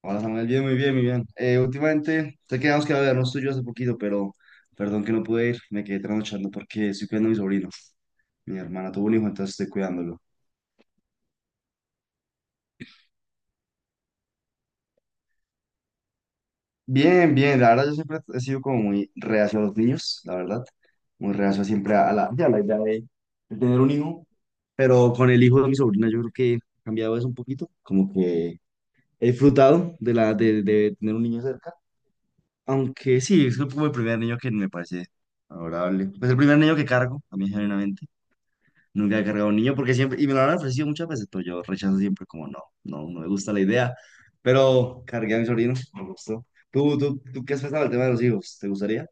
Hola Samuel, bien, muy bien, muy bien. Últimamente, sé que habíamos quedado de vernos tú y yo hace poquito, pero perdón que no pude ir, me quedé trasnochando porque estoy cuidando a mi sobrino. Mi hermana tuvo un hijo, entonces estoy cuidándolo. Bien, bien, la verdad yo siempre he sido como muy reacio a los niños, la verdad. Muy reacio siempre a la idea de tener un hijo, pero con el hijo de mi sobrina yo creo que he cambiado eso un poquito, como que he disfrutado de tener un niño cerca. Aunque sí, es como el primer niño que me parece adorable. Pues el primer niño que cargo, a mí genuinamente. Nunca he cargado un niño porque siempre, y me lo han ofrecido muchas veces, pero yo rechazo siempre como no, no, no me gusta la idea. Pero cargué a mi sobrino, me gustó. ¿Tú qué has pensado del tema de los hijos? ¿Te gustaría?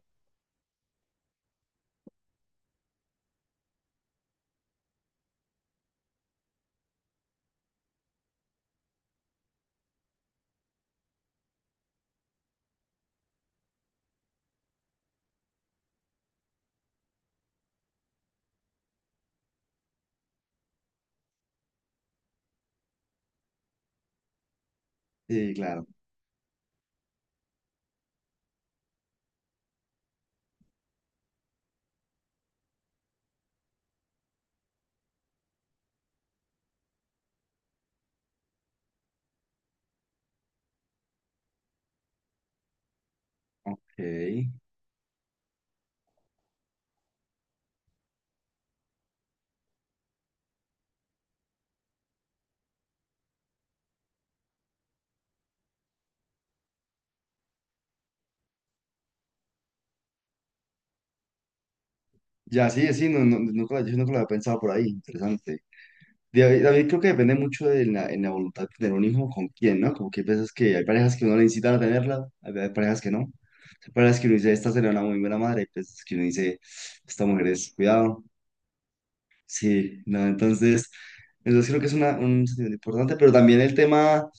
Sí, claro. Ok. Ya, sí, sí, no, no, nunca, yo nunca lo había pensado por ahí. Interesante. David, creo que depende mucho de la voluntad de tener un hijo con quién, ¿no? Como que hay veces que hay parejas que uno le incitan a tenerla, hay parejas que no. Hay parejas que uno dice, esta sería una muy buena madre, hay veces que uno dice, esta mujer es, cuidado. Sí, no, entonces creo que es un sentimiento importante, pero también el tema,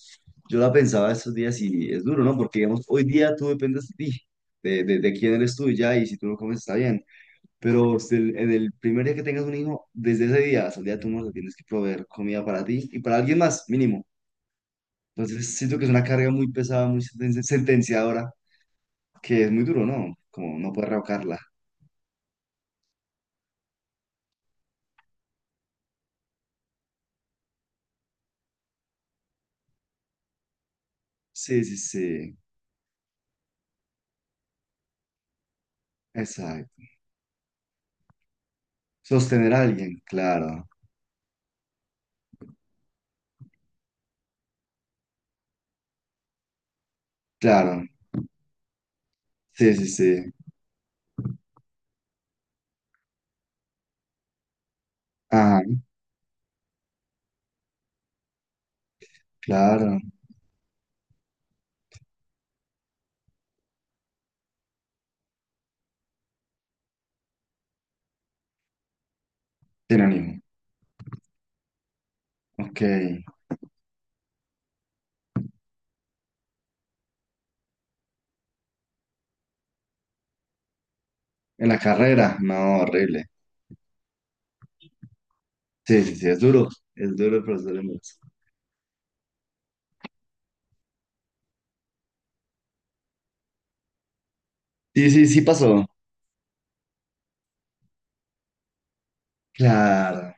yo la pensaba estos días y es duro, ¿no? Porque digamos, hoy día tú dependes de ti, de quién eres tú y ya, y si tú no comes está bien. Pero si el- en el primer día que tengas un hijo, desde ese día hasta el día de tu muerte, tienes que proveer comida para ti y para alguien más, mínimo. Entonces siento que es una carga muy pesada, muy sentenciadora, que es muy duro, ¿no? Como no poder revocarla. Sí, sí, sí. Exacto. Sostener a alguien, claro. Claro. Sí, sí, sí. Ajá, claro. Tiene un hijo. Ok. En la carrera, no, horrible. Sí, sí, sí, es duro. Es duro el proceso del embarazo. Sí, sí, sí pasó. Claro.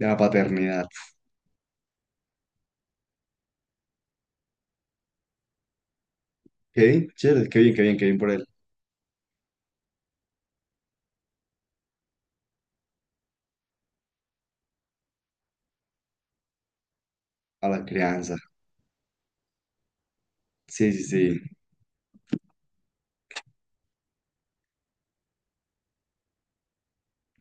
De la paternidad. Qué chévere, qué bien, qué bien, qué bien por él, a la crianza. Sí, sí, sí.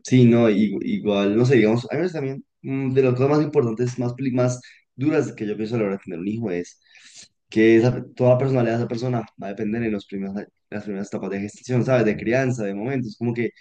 Sí, no, igual, no sé, digamos, a veces también de las cosas más importantes, más, más duras que yo pienso a la hora de tener un hijo es que esa, toda la personalidad de esa persona va a depender en los primeros, las primeras etapas de gestación, ¿sabes? De crianza, de momentos, como que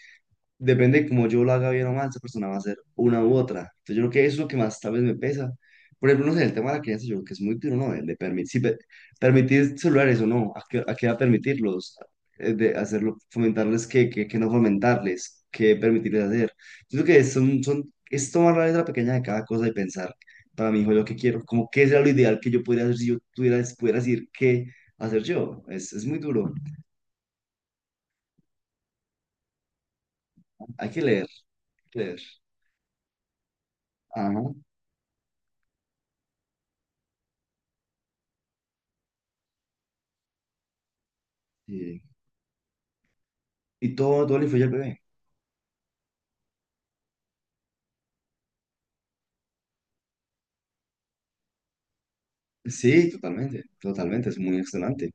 depende de cómo yo lo haga bien o mal, esa persona va a ser una u otra. Entonces, yo creo que eso es lo que más tal vez me pesa. Por ejemplo, no sé, el tema de la crianza, yo creo que es muy duro, ¿no? El de permitir, si pe- permitir celulares o no, a qué edad permitirlos? De hacerlo, fomentarles que no fomentarles, que permitirles hacer. Yo creo que es tomar la letra pequeña de cada cosa y pensar, para mi hijo, yo qué quiero, como qué será lo ideal que yo pudiera hacer si pudiera decir qué hacer yo. Es muy duro. Hay que leer, hay que leer. Ajá. Sí. Y todo, todo le influye al bebé. Sí, totalmente, totalmente, es muy excelente.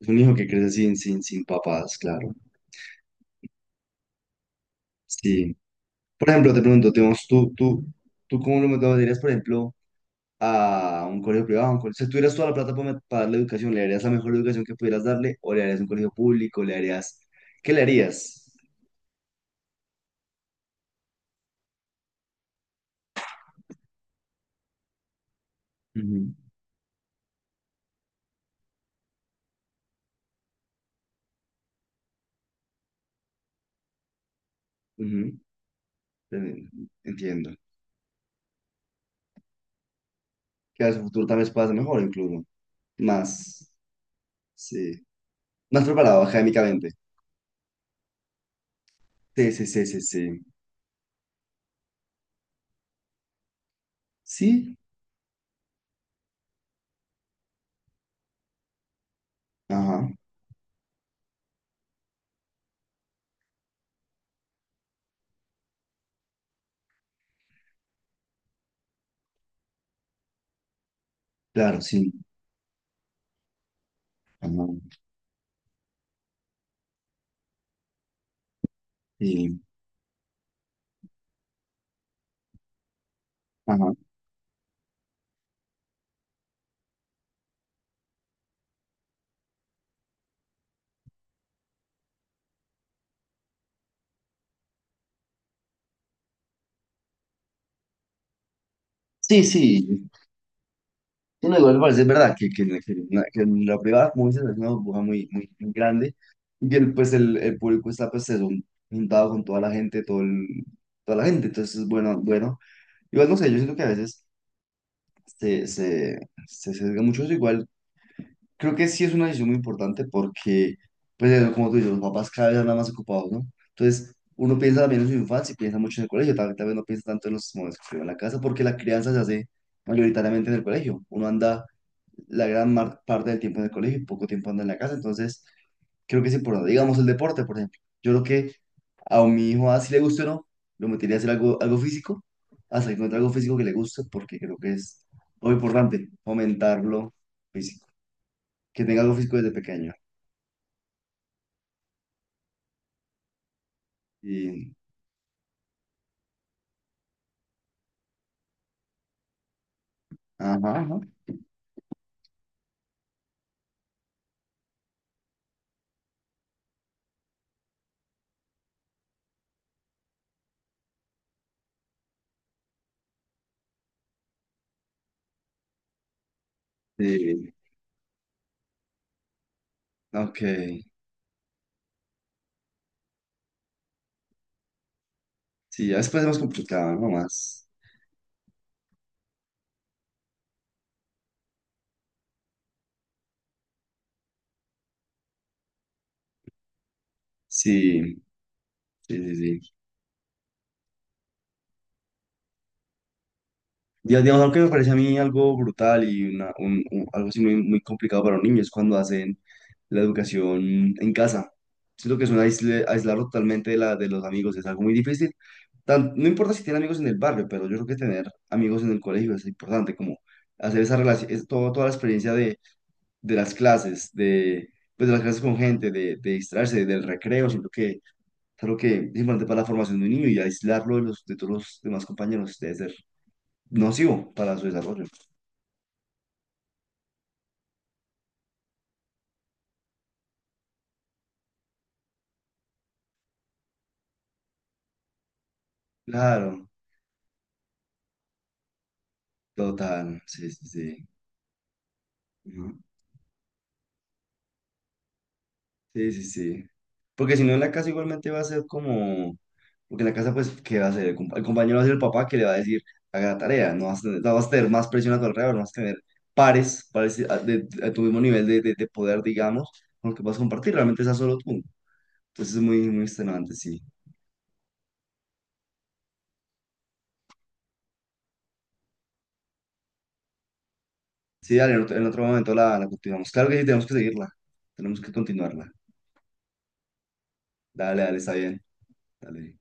Es un hijo que crece sin papás, claro. Sí. Por ejemplo, te pregunto, digamos, tú cómo lo meterías, por ejemplo, a un colegio privado? Si tuvieras toda la plata para, para darle educación, ¿le darías la mejor educación que pudieras darle? ¿O le harías un colegio público? ¿Le harías... ¿Qué le harías? Ujú, ujú, te- Entiendo. Que a su futuro tal vez pase mejor incluso. Más, sí. Más preparado académicamente. Sí, sí, sí, sí, sí. Sí. Ajá, claro, sí. Ajá, sí, ajá. Sí, sí. Sí, no, igual me parece es verdad que en la privada, como dices, es una burbuja muy, muy, muy grande y que el público está pues eso, juntado con toda la gente, toda la gente. Entonces, bueno, bueno. Igual no sé, yo siento que a veces se, se, se sesga mucho eso. Igual creo que sí es una decisión muy importante porque, pues, eso, como tú dices, los papás cada vez andan más ocupados, ¿no? Entonces, uno piensa también en su infancia y piensa mucho en el colegio, tal vez no piensa tanto en los momentos que vive en la casa porque la crianza se hace mayoritariamente en el colegio. Uno anda la parte del tiempo en el colegio y poco tiempo anda en la casa, entonces creo que es importante. Digamos el deporte, por ejemplo. Yo creo que a mi hijo, así le guste o no, lo metería a hacer algo, algo físico, hasta que encuentre algo físico que le guste porque creo que es lo importante, fomentarlo físicamente que tenga algo físico desde pequeño. Y, ajá, ajá. Sí, ok. Sí, ya después es más complicado, ¿no? Más. Sí, sí, sí, sí. Digamos, algo que me parece a mí algo brutal y algo así muy, muy complicado para los niños es cuando hacen la educación en casa. Siento que es un aislarlo totalmente de de los amigos, es algo muy difícil. No importa si tiene amigos en el barrio, pero yo creo que tener amigos en el colegio es importante, como hacer esa relación, toda la experiencia de las clases, de, pues, de las clases con gente, de distraerse, del recreo, siento que es algo que es importante para la formación de un niño y aislarlo de de todos los demás compañeros debe ser nocivo para su desarrollo. Claro, total, sí, sí, sí. Sí, sí, sí. Porque si no, en la casa igualmente va a ser como. Porque en la casa, pues, ¿qué va a hacer? El compañero va a ser el papá que le va a decir, haga la tarea, no vas a tener, no vas a tener más presión a tu alrededor, no vas a tener pares, a tu mismo nivel de poder, digamos, con los que vas a compartir, realmente estás solo tú. Entonces es muy, muy extenuante, sí. Sí, dale, en otro momento la continuamos. Claro que sí, tenemos que seguirla, tenemos que continuarla. Dale, dale, está bien. Dale.